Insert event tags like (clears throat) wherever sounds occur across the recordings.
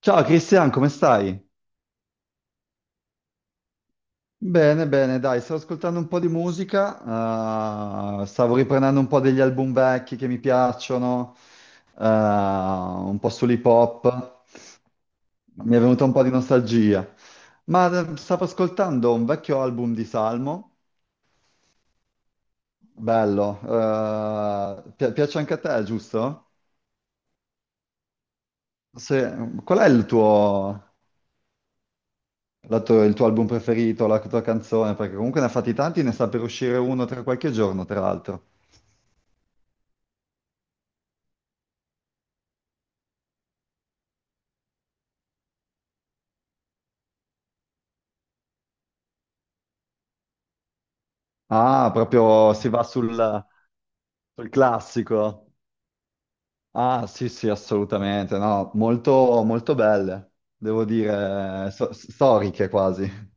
Ciao Cristian, come stai? Bene, bene, dai, stavo ascoltando un po' di musica, stavo riprendendo un po' degli album vecchi che mi piacciono, un po' sull'hip hop, mi è venuta un po' di nostalgia, ma stavo ascoltando un vecchio album di Salmo, bello, piace anche a te, giusto? Se- Qual è il tuo, il tuo album preferito, la tua canzone? Perché comunque ne ha fatti tanti, ne sta per uscire uno tra qualche giorno, tra l'altro. Ah, proprio si va sul classico. Ah, sì, sì, assolutamente. No, molto, molto belle, devo dire, storiche quasi.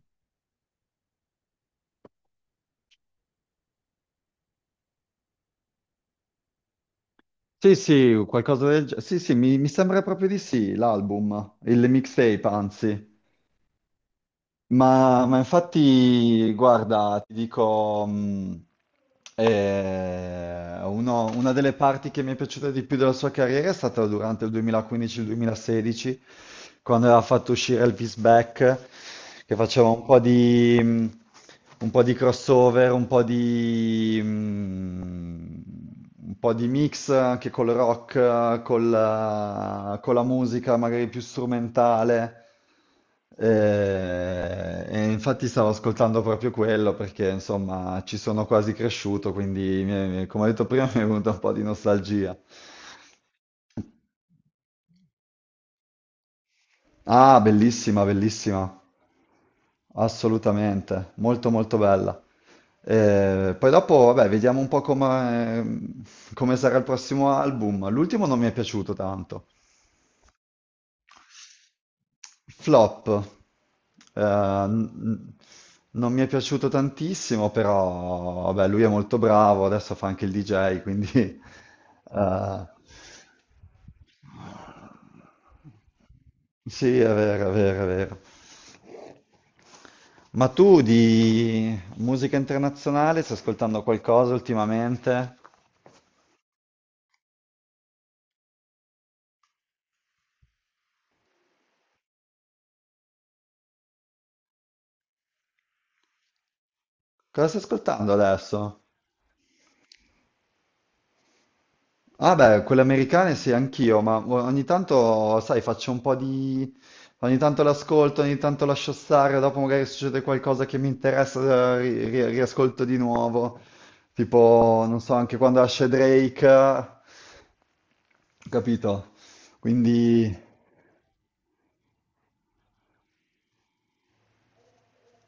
Sì, sì, qualcosa del genere. Sì, sì, mi sembra proprio di sì, l'album, il mixtape, anzi. Ma infatti, guarda, ti dico, una delle parti che mi è piaciuta di più della sua carriera è stata durante il 2015-2016, quando aveva fatto uscire Elvis Back, che faceva un po' di crossover, un po' di mix anche col rock, con la musica magari più strumentale. E, infatti stavo ascoltando proprio quello perché insomma ci sono quasi cresciuto, quindi come ho detto prima (laughs) mi è venuta un po' di nostalgia. Ah, bellissima, bellissima, assolutamente, molto molto bella. Poi dopo, vabbè, vediamo un po' come sarà il prossimo album. L'ultimo non mi è piaciuto tanto. Flop. Eh, n- Non mi è piaciuto tantissimo, però vabbè, lui è molto bravo, adesso fa anche il DJ, quindi (laughs) eh, sì, è vero, è vero, è vero. Ma tu di musica internazionale stai ascoltando qualcosa ultimamente? Cosa stai ascoltando adesso? Ah beh, quelle americane sì, anch'io, ma ogni tanto, sai, faccio un po' di. Ogni tanto l'ascolto, ogni tanto lascio stare, dopo magari succede qualcosa che mi interessa, riascolto di nuovo. Tipo, non so, anche quando esce Drake, capito? Quindi.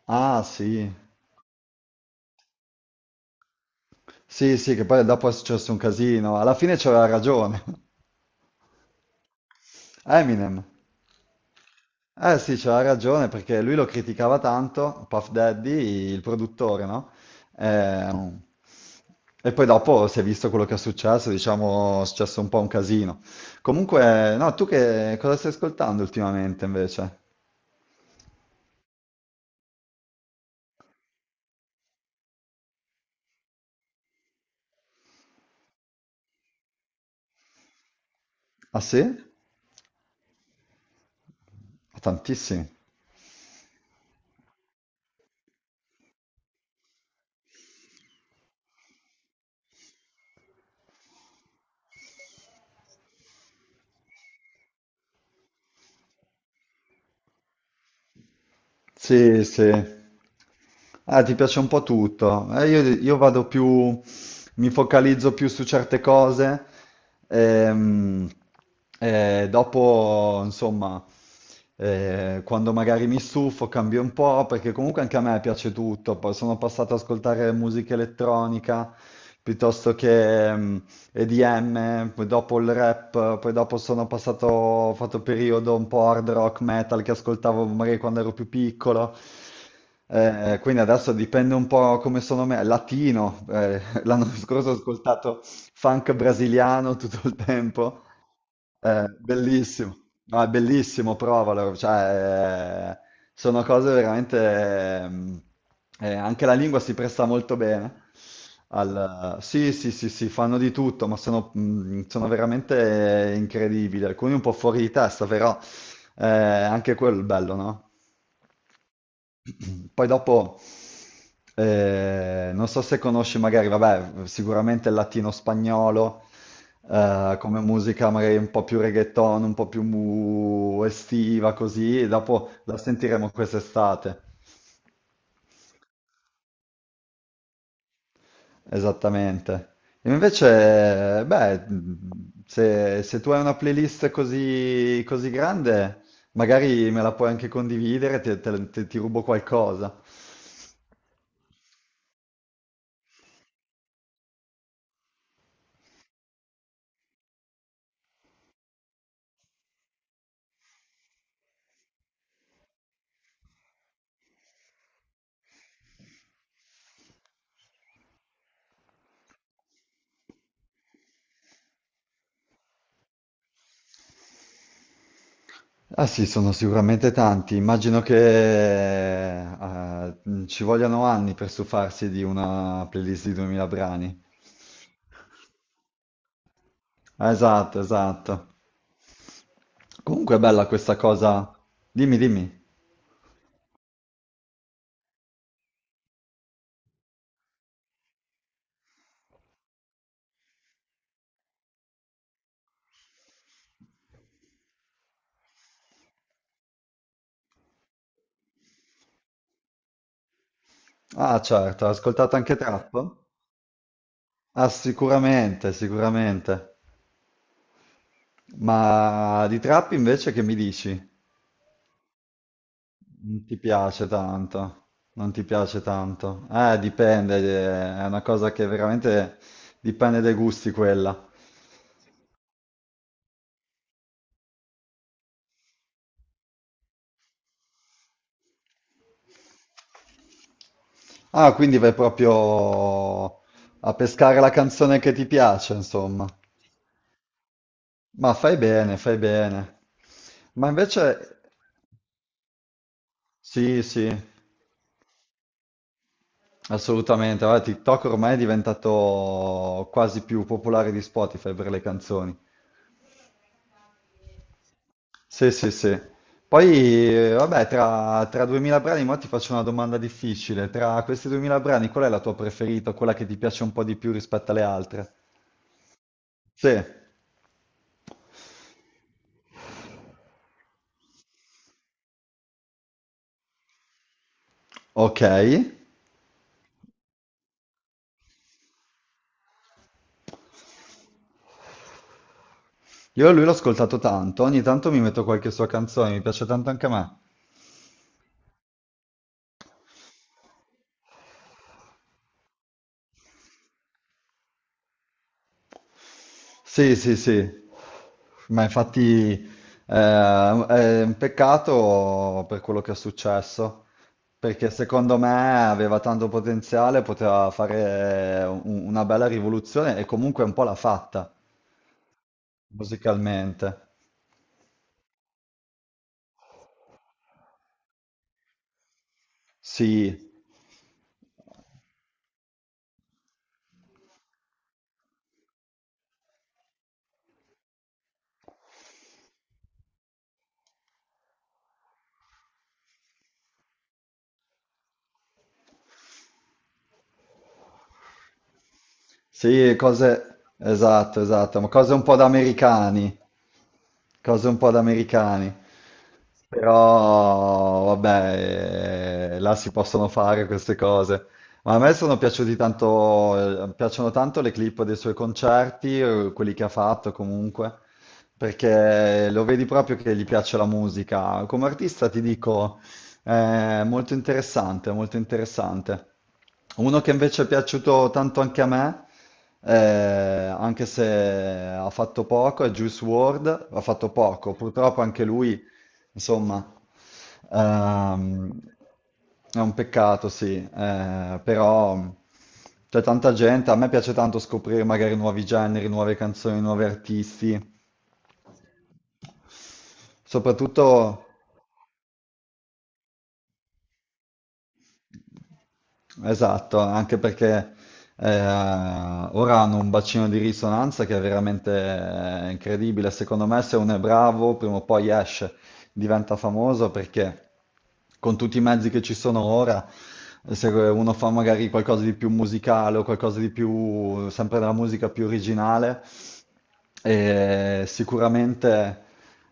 Ah sì, sì, sì, che poi dopo è successo un casino. Alla fine c'aveva ragione. (laughs) Eminem. Eh sì, c'aveva ragione perché lui lo criticava tanto, Puff Daddy, il produttore, no? Ehm, E, poi dopo si è visto quello che è successo, diciamo, è successo un po' un casino. Comunque, no, tu che cosa stai ascoltando ultimamente invece? Ah sì? Tantissimi. Sì, sì. Ah, ti piace un po' tutto. Io vado più, mi focalizzo più su certe cose. ehm, Dopo, insomma, quando magari mi stufo, cambio un po', perché comunque anche a me piace tutto. Poi sono passato ad ascoltare musica elettronica piuttosto che, EDM, poi dopo il rap, poi dopo sono passato, ho fatto periodo un po' hard rock metal che ascoltavo magari quando ero più piccolo. Quindi adesso dipende un po' come sono me, latino, (laughs) l'anno scorso ho ascoltato funk brasiliano tutto il tempo. Bellissimo, no, è bellissimo, provalo, cioè, sono cose veramente, anche la lingua si presta molto bene, sì, sì, sì, sì, fanno di tutto, ma sono veramente incredibili, alcuni un po' fuori di testa, però anche quello è il bello, no? (clears throat) Poi dopo, non so se conosci magari, vabbè, sicuramente il latino-spagnolo, come musica magari un po' più reggaeton, un po' più estiva, così, e dopo la sentiremo quest'estate. Esattamente. E invece, beh, se tu hai una playlist così, così grande, magari me la puoi anche condividere, ti rubo qualcosa. Ah sì, sono sicuramente tanti. Immagino che ci vogliano anni per stufarsi di una playlist di 2000 brani. Ah, esatto, esatto. Comunque è bella questa cosa. Dimmi, dimmi. Ah, certo, hai ascoltato anche trap? Ah, sicuramente, sicuramente. Ma di trap invece che mi dici? Non ti piace tanto, non ti piace tanto. Dipende, è una cosa che veramente dipende dai gusti quella. Ah, quindi vai proprio a pescare la canzone che ti piace, insomma. Ma fai bene, fai bene. Ma invece, sì, sì, assolutamente. Guarda, TikTok ormai è diventato quasi più popolare di Spotify per le canzoni. Sì, sì, sì. Poi, vabbè, tra 2000 brani, mo ti faccio una domanda difficile. Tra questi 2000 brani, qual è la tua preferita, quella che ti piace un po' di più rispetto alle altre? Sì, ok. Io lui l'ho ascoltato tanto, ogni tanto mi metto qualche sua canzone, mi piace tanto anche a me. Sì, sì, sì, ma infatti è un peccato per quello che è successo, perché secondo me aveva tanto potenziale, poteva fare una bella rivoluzione e comunque un po' l'ha fatta musicalmente. Sì. Sì, cose. Esatto, esatto, ma cose un po' da americani, cose un po' da americani. Però, vabbè, là si possono fare queste cose. Ma a me sono piaciuti tanto, piacciono tanto le clip dei suoi concerti, quelli che ha fatto comunque, perché lo vedi proprio che gli piace la musica. Come artista ti dico, è molto interessante, molto interessante. Uno che invece è piaciuto tanto anche a me, anche se ha fatto poco, è Juice WRLD, ha fatto poco, purtroppo anche lui, insomma, ehm, è un peccato, sì, però c'è tanta gente, a me piace tanto scoprire magari nuovi generi, nuove canzoni, nuovi artisti, soprattutto. Esatto, anche perché eh, ora hanno un bacino di risonanza che è veramente incredibile. Secondo me, se uno è bravo, prima o poi esce, diventa famoso perché con tutti i mezzi che ci sono ora, se uno fa magari qualcosa di più musicale o qualcosa di più, sempre della musica più originale, e sicuramente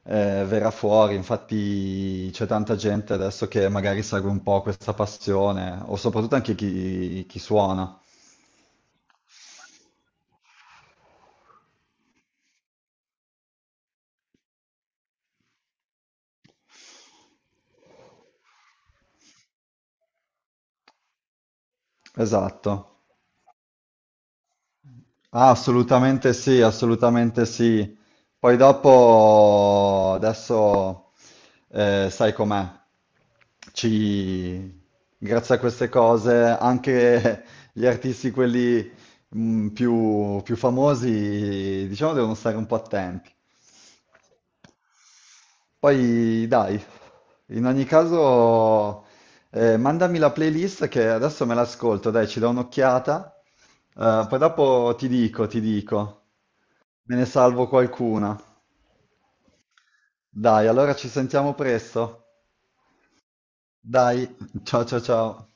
verrà fuori, infatti c'è tanta gente adesso che magari segue un po' questa passione, o soprattutto anche chi, chi suona. Esatto. Ah, assolutamente sì, assolutamente sì. Poi dopo, adesso sai com'è, ci... grazie a queste cose anche gli artisti, quelli più famosi, diciamo, devono stare un po' attenti. Poi dai, in ogni caso, mandami la playlist che adesso me l'ascolto, dai, ci do un'occhiata, poi dopo ti dico, ti dico. Me ne salvo qualcuna. Dai, allora ci sentiamo presto. Dai, ciao ciao ciao.